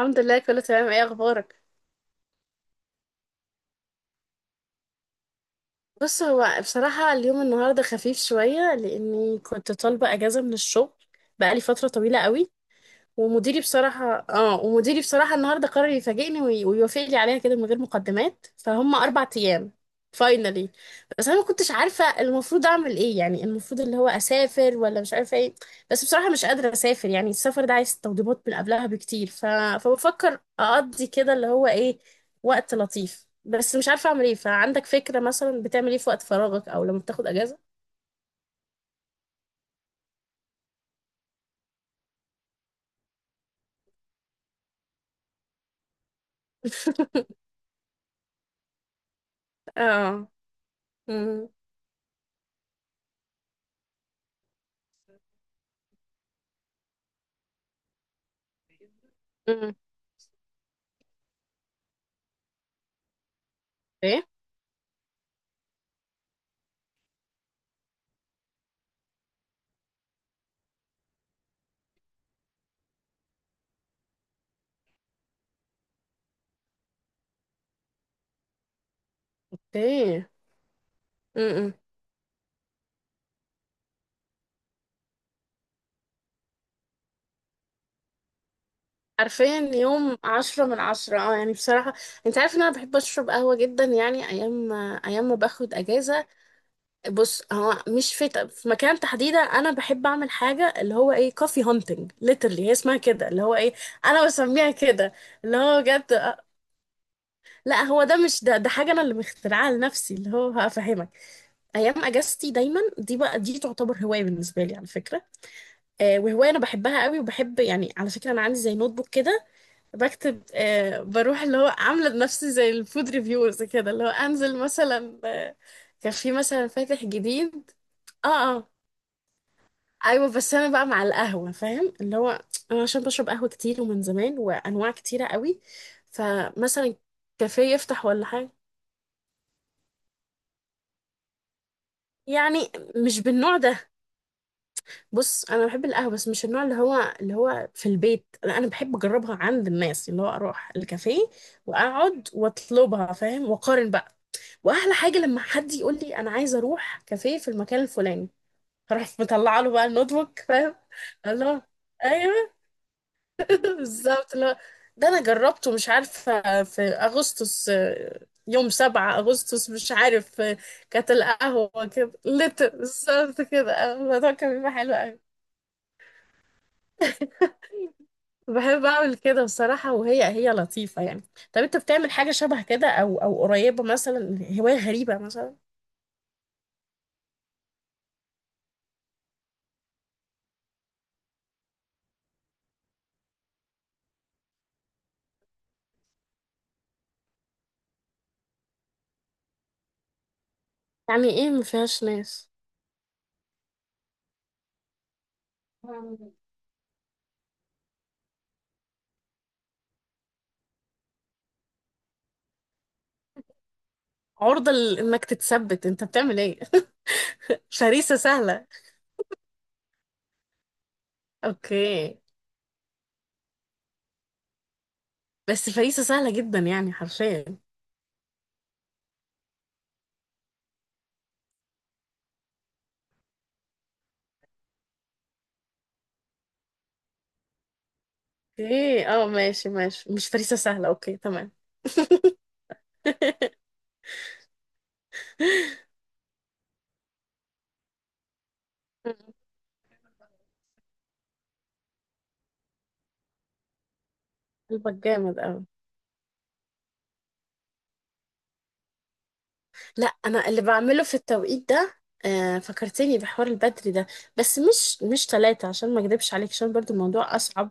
الحمد لله، كله تمام. ايه اخبارك؟ بص، هو بصراحة اليوم النهاردة خفيف شوية لاني كنت طالبة اجازة من الشغل بقالي فترة طويلة قوي. ومديري بصراحة النهاردة قرر يفاجئني ويوافق لي عليها كده من غير مقدمات، فهم 4 أيام. فاينلي. بس أنا ما كنتش عارفة المفروض أعمل إيه، يعني المفروض اللي هو أسافر ولا مش عارفة إيه. بس بصراحة مش قادرة أسافر، يعني السفر ده عايز توضيبات من قبلها بكتير فبفكر أقضي كده اللي هو إيه وقت لطيف، بس مش عارفة أعمل إيه. فعندك فكرة مثلا بتعمل إيه في وقت فراغك أو لما بتاخد أجازة؟ اه. امم. امم. ايه. ايه. امم. عارفين، يوم 10 من 10، اه يعني بصراحة، انت عارف ان انا بحب اشرب قهوة جدا، يعني ايام ما باخد اجازة. بص، هو مش في مكان تحديدا، انا بحب اعمل حاجة اللي هو ايه، كوفي هانتنج ليترلي هي اسمها كده، اللي هو ايه، انا بسميها كده. اللي هو بجد. لا هو ده، مش ده حاجة انا اللي مخترعاها لنفسي، اللي هو هفهمك. ايام اجازتي دايما دي بقى، دي تعتبر هوايه بالنسبه لي على فكره. وهوايه انا بحبها قوي، وبحب يعني، على فكره، انا عندي زي نوت بوك كده، بكتب، بروح اللي هو عاملة نفسي زي الفود ريفيورز كده، اللي هو انزل مثلا. كان في مثلا فاتح جديد. اه. اه. ايوه، بس انا بقى مع القهوة، فاهم، اللي هو، انا عشان بشرب قهوة كتير ومن زمان، وانواع كتيرة قوي. فمثلا كافيه يفتح ولا حاجة، يعني مش بالنوع ده. بص، انا بحب القهوه، بس مش النوع اللي هو في البيت. أنا بحب اجربها عند الناس، اللي هو اروح الكافيه، واقعد واطلبها، فاهم، واقارن بقى. واحلى حاجه لما حد يقول لي انا عايزه اروح كافيه في المكان الفلاني، اروح مطلعه له بقى النوت بوك، فاهم. الله. ايوه. بالظبط. لا، ده انا جربته، مش عارفه في اغسطس، يوم 7 اغسطس، مش عارف، كانت القهوه كده لتر بالظبط كده، الموضوع كان بيبقى حلو قوي. بحب اعمل كده بصراحة، وهي لطيفة يعني. طب انت بتعمل حاجة شبه كده او قريبة مثلا؟ هواية غريبة مثلا؟ يعني ايه ما فيهاش ناس؟ عرضة انك تتثبت انت بتعمل ايه؟ فريسة سهلة. اوكي. بس فريسة سهلة جدا يعني، حرفيا. اوكي، اه، ماشي، ماشي، مش فريسة سهلة. اوكي تمام. قلبك جامد اوي. لا، انا اللي بعمله في التوقيت ده. فكرتني بحوار البدري ده. بس مش ثلاثة، عشان ما اكدبش عليك، عشان برضو الموضوع اصعب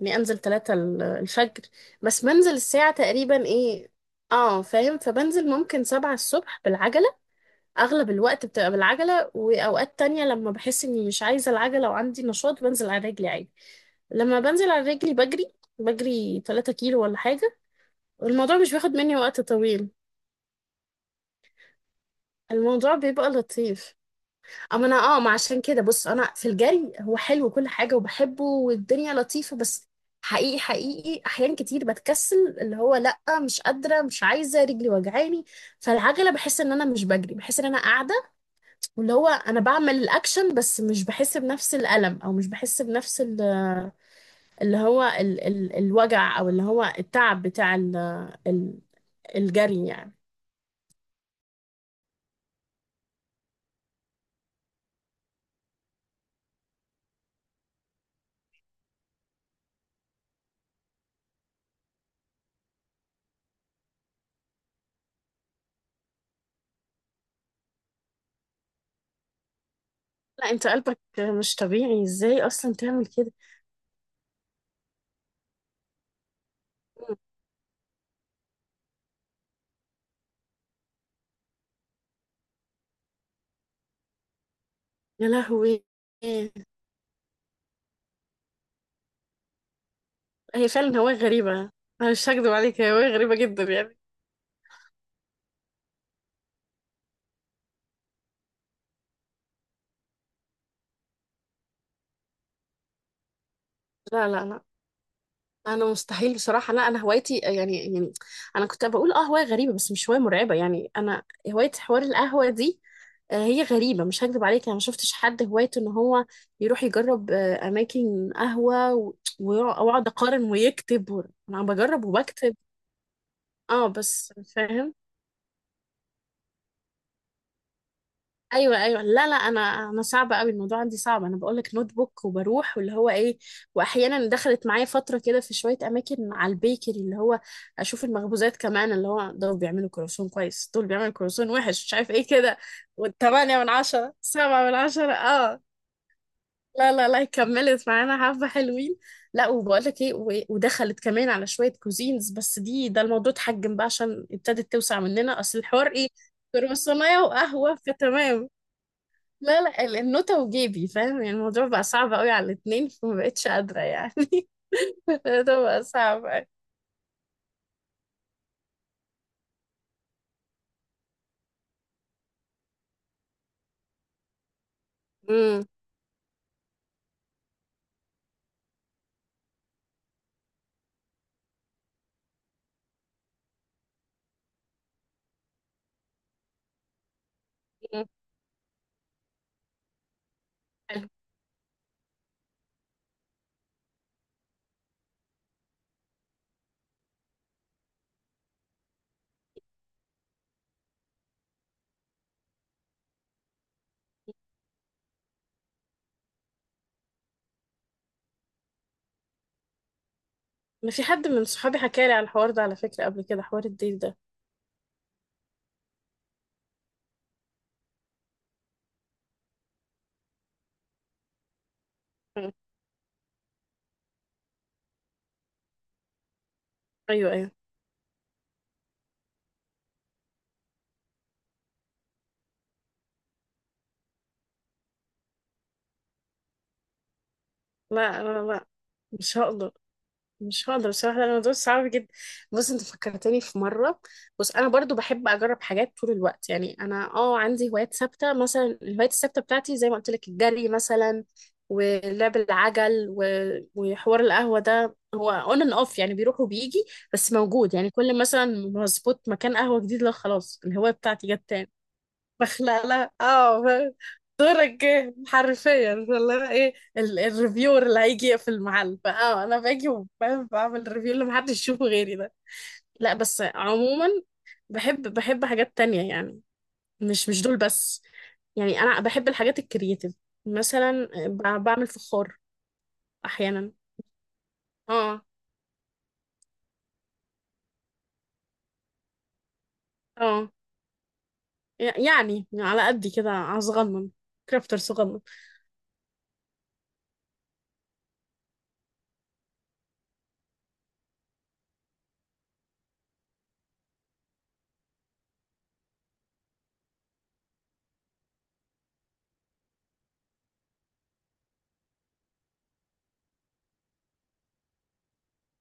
اني انزل 3 الفجر. بس بنزل الساعة تقريبا ايه، اه فاهم، فبنزل ممكن 7 الصبح بالعجلة. اغلب الوقت بتبقى بالعجلة، واوقات تانية لما بحس اني مش عايزة العجلة وعندي نشاط بنزل على رجلي عادي. لما بنزل على رجلي بجري، بجري 3 كيلو ولا حاجة. والموضوع مش بياخد مني وقت طويل. الموضوع بيبقى لطيف. اما انا، ما عشان كده، بص انا في الجري، هو حلو كل حاجه وبحبه والدنيا لطيفه، بس حقيقي حقيقي، احيان كتير بتكسل، اللي هو لا مش قادره، مش عايزه، رجلي وجعاني. فالعجله بحس ان انا مش بجري، بحس ان انا قاعده، واللي هو انا بعمل الاكشن، بس مش بحس بنفس الالم، او مش بحس بنفس اللي هو ال الوجع، او اللي هو التعب بتاع ال ال الجري يعني. لا، انت قلبك مش طبيعي، ازاي اصلا تعمل كده؟ يا لهوي! هي فعلا هواية غريبة. أنا مش هكدب عليك، هي هواية غريبة جدا يعني. لا، لا، لا، أنا مستحيل بصراحة. لا أنا هوايتي يعني. أنا كنت بقول أه هواية غريبة، بس مش هواية مرعبة يعني. أنا هواية حوار القهوة دي، هي غريبة، مش هكدب عليك. أنا ما شفتش حد هوايته إن هو يروح يجرب أماكن قهوة ويقعد أقارن ويكتب. أنا بجرب وبكتب. أه، بس فاهم. ايوه، ايوه. لا، لا، انا صعبه قوي الموضوع عندي، صعب. انا بقول لك نوت بوك وبروح، واللي هو ايه. واحيانا دخلت معايا فتره كده، في شويه اماكن، على البيكري، اللي هو اشوف المخبوزات كمان، اللي هو دول بيعملوا كرواسون كويس، دول بيعملوا كرواسون وحش، مش عارف ايه كده. والثمانية من عشرة، سبعة من عشرة، اه. لا، لا، لا، كملت معانا حبة حلوين. لا، وبقول لك ايه، و- ودخلت كمان على شوية كوزينز، بس دي، ده الموضوع اتحجم بقى، عشان ابتدت توسع مننا. اصل الحوار ايه، كرواسونية وقهوة، فتمام. لا، لا، النوتة وجيبي، فاهم يعني، الموضوع بقى صعب قوي على الاتنين، فما بقتش قادرة يعني. الموضوع بقى صعب قوي. امم. أمم. حلو، انا في حد من صحابي حكى لي على الحوار ده على فكرة قبل كده، حوار الديل ده. أمم. ايوه، ايوه. لا، لا، لا. ما شاء الله. مش هقدر بصراحة لأن الموضوع صعب جدا. بص، انت فكرتني في مرة. بص، انا برضو بحب اجرب حاجات طول الوقت، يعني انا عندي هوايات ثابتة، مثلا الهوايات الثابتة بتاعتي زي ما قلت لك الجري مثلا، ولعب العجل وحوار القهوة ده هو اون اند اوف، يعني بيروح وبيجي، بس موجود يعني، كل مثلا ما اظبط مكان قهوة جديد، لا خلاص الهواية بتاعتي جت تاني. بخلقلها. دورك جه حرفيا، فاللي هو ايه، الريفيور اللي هيجي في المحل، فاه انا باجي وبعمل ريفيو اللي محدش يشوفه غيري ده. لا، بس عموما، بحب حاجات تانية يعني، مش دول بس. يعني انا بحب الحاجات الكرياتيف، مثلا بعمل فخار. احيانا. اه. اه. يعني يعني على قدي كده، صغنن. كرافتر صغنن.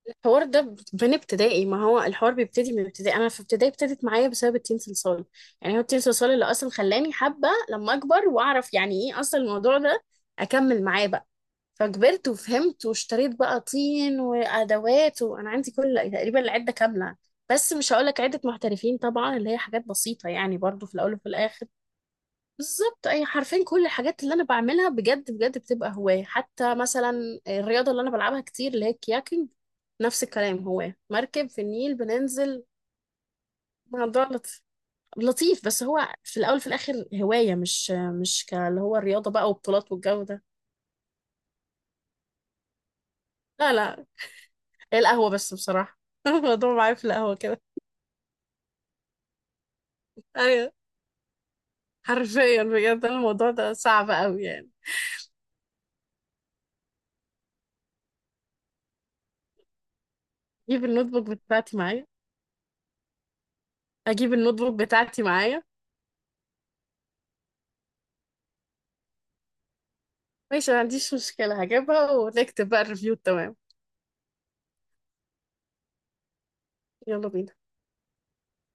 الحوار ده من ابتدائي، ما هو الحوار بيبتدي من ابتدائي، انا في ابتدائي ابتدت معايا بسبب التين صلصال. يعني هو التين صلصال اللي اصلا خلاني حابه، لما اكبر واعرف يعني ايه اصلا الموضوع ده، اكمل معاه بقى. فكبرت وفهمت واشتريت بقى طين وادوات، وانا عندي كل تقريبا العده كامله. بس مش هقول لك عده محترفين طبعا، اللي هي حاجات بسيطه يعني برضو في الاول وفي الاخر. بالظبط، اي حرفين، كل الحاجات اللي انا بعملها بجد بجد بتبقى هواية، حتى مثلا الرياضة اللي انا بلعبها كتير اللي هي الكياكينج. نفس الكلام، هواية، مركب في النيل بننزل. الموضوع لطيف، بس هو في الاول في الاخر هواية مش اللي هو الرياضة بقى وبطولات والجو ده. لا، لا، هي القهوة بس بصراحة. الموضوع معايا في القهوة كده. ايوه، حرفيا، بجد. أنا الموضوع ده صعب قوي يعني. اجيب النوت بوك بتاعتي معايا. اجيب النوت بوك بتاعتي معايا. ماشي، ما عنديش مشكلة، هجيبها ونكتب بقى الريفيو، تمام. يلا بينا.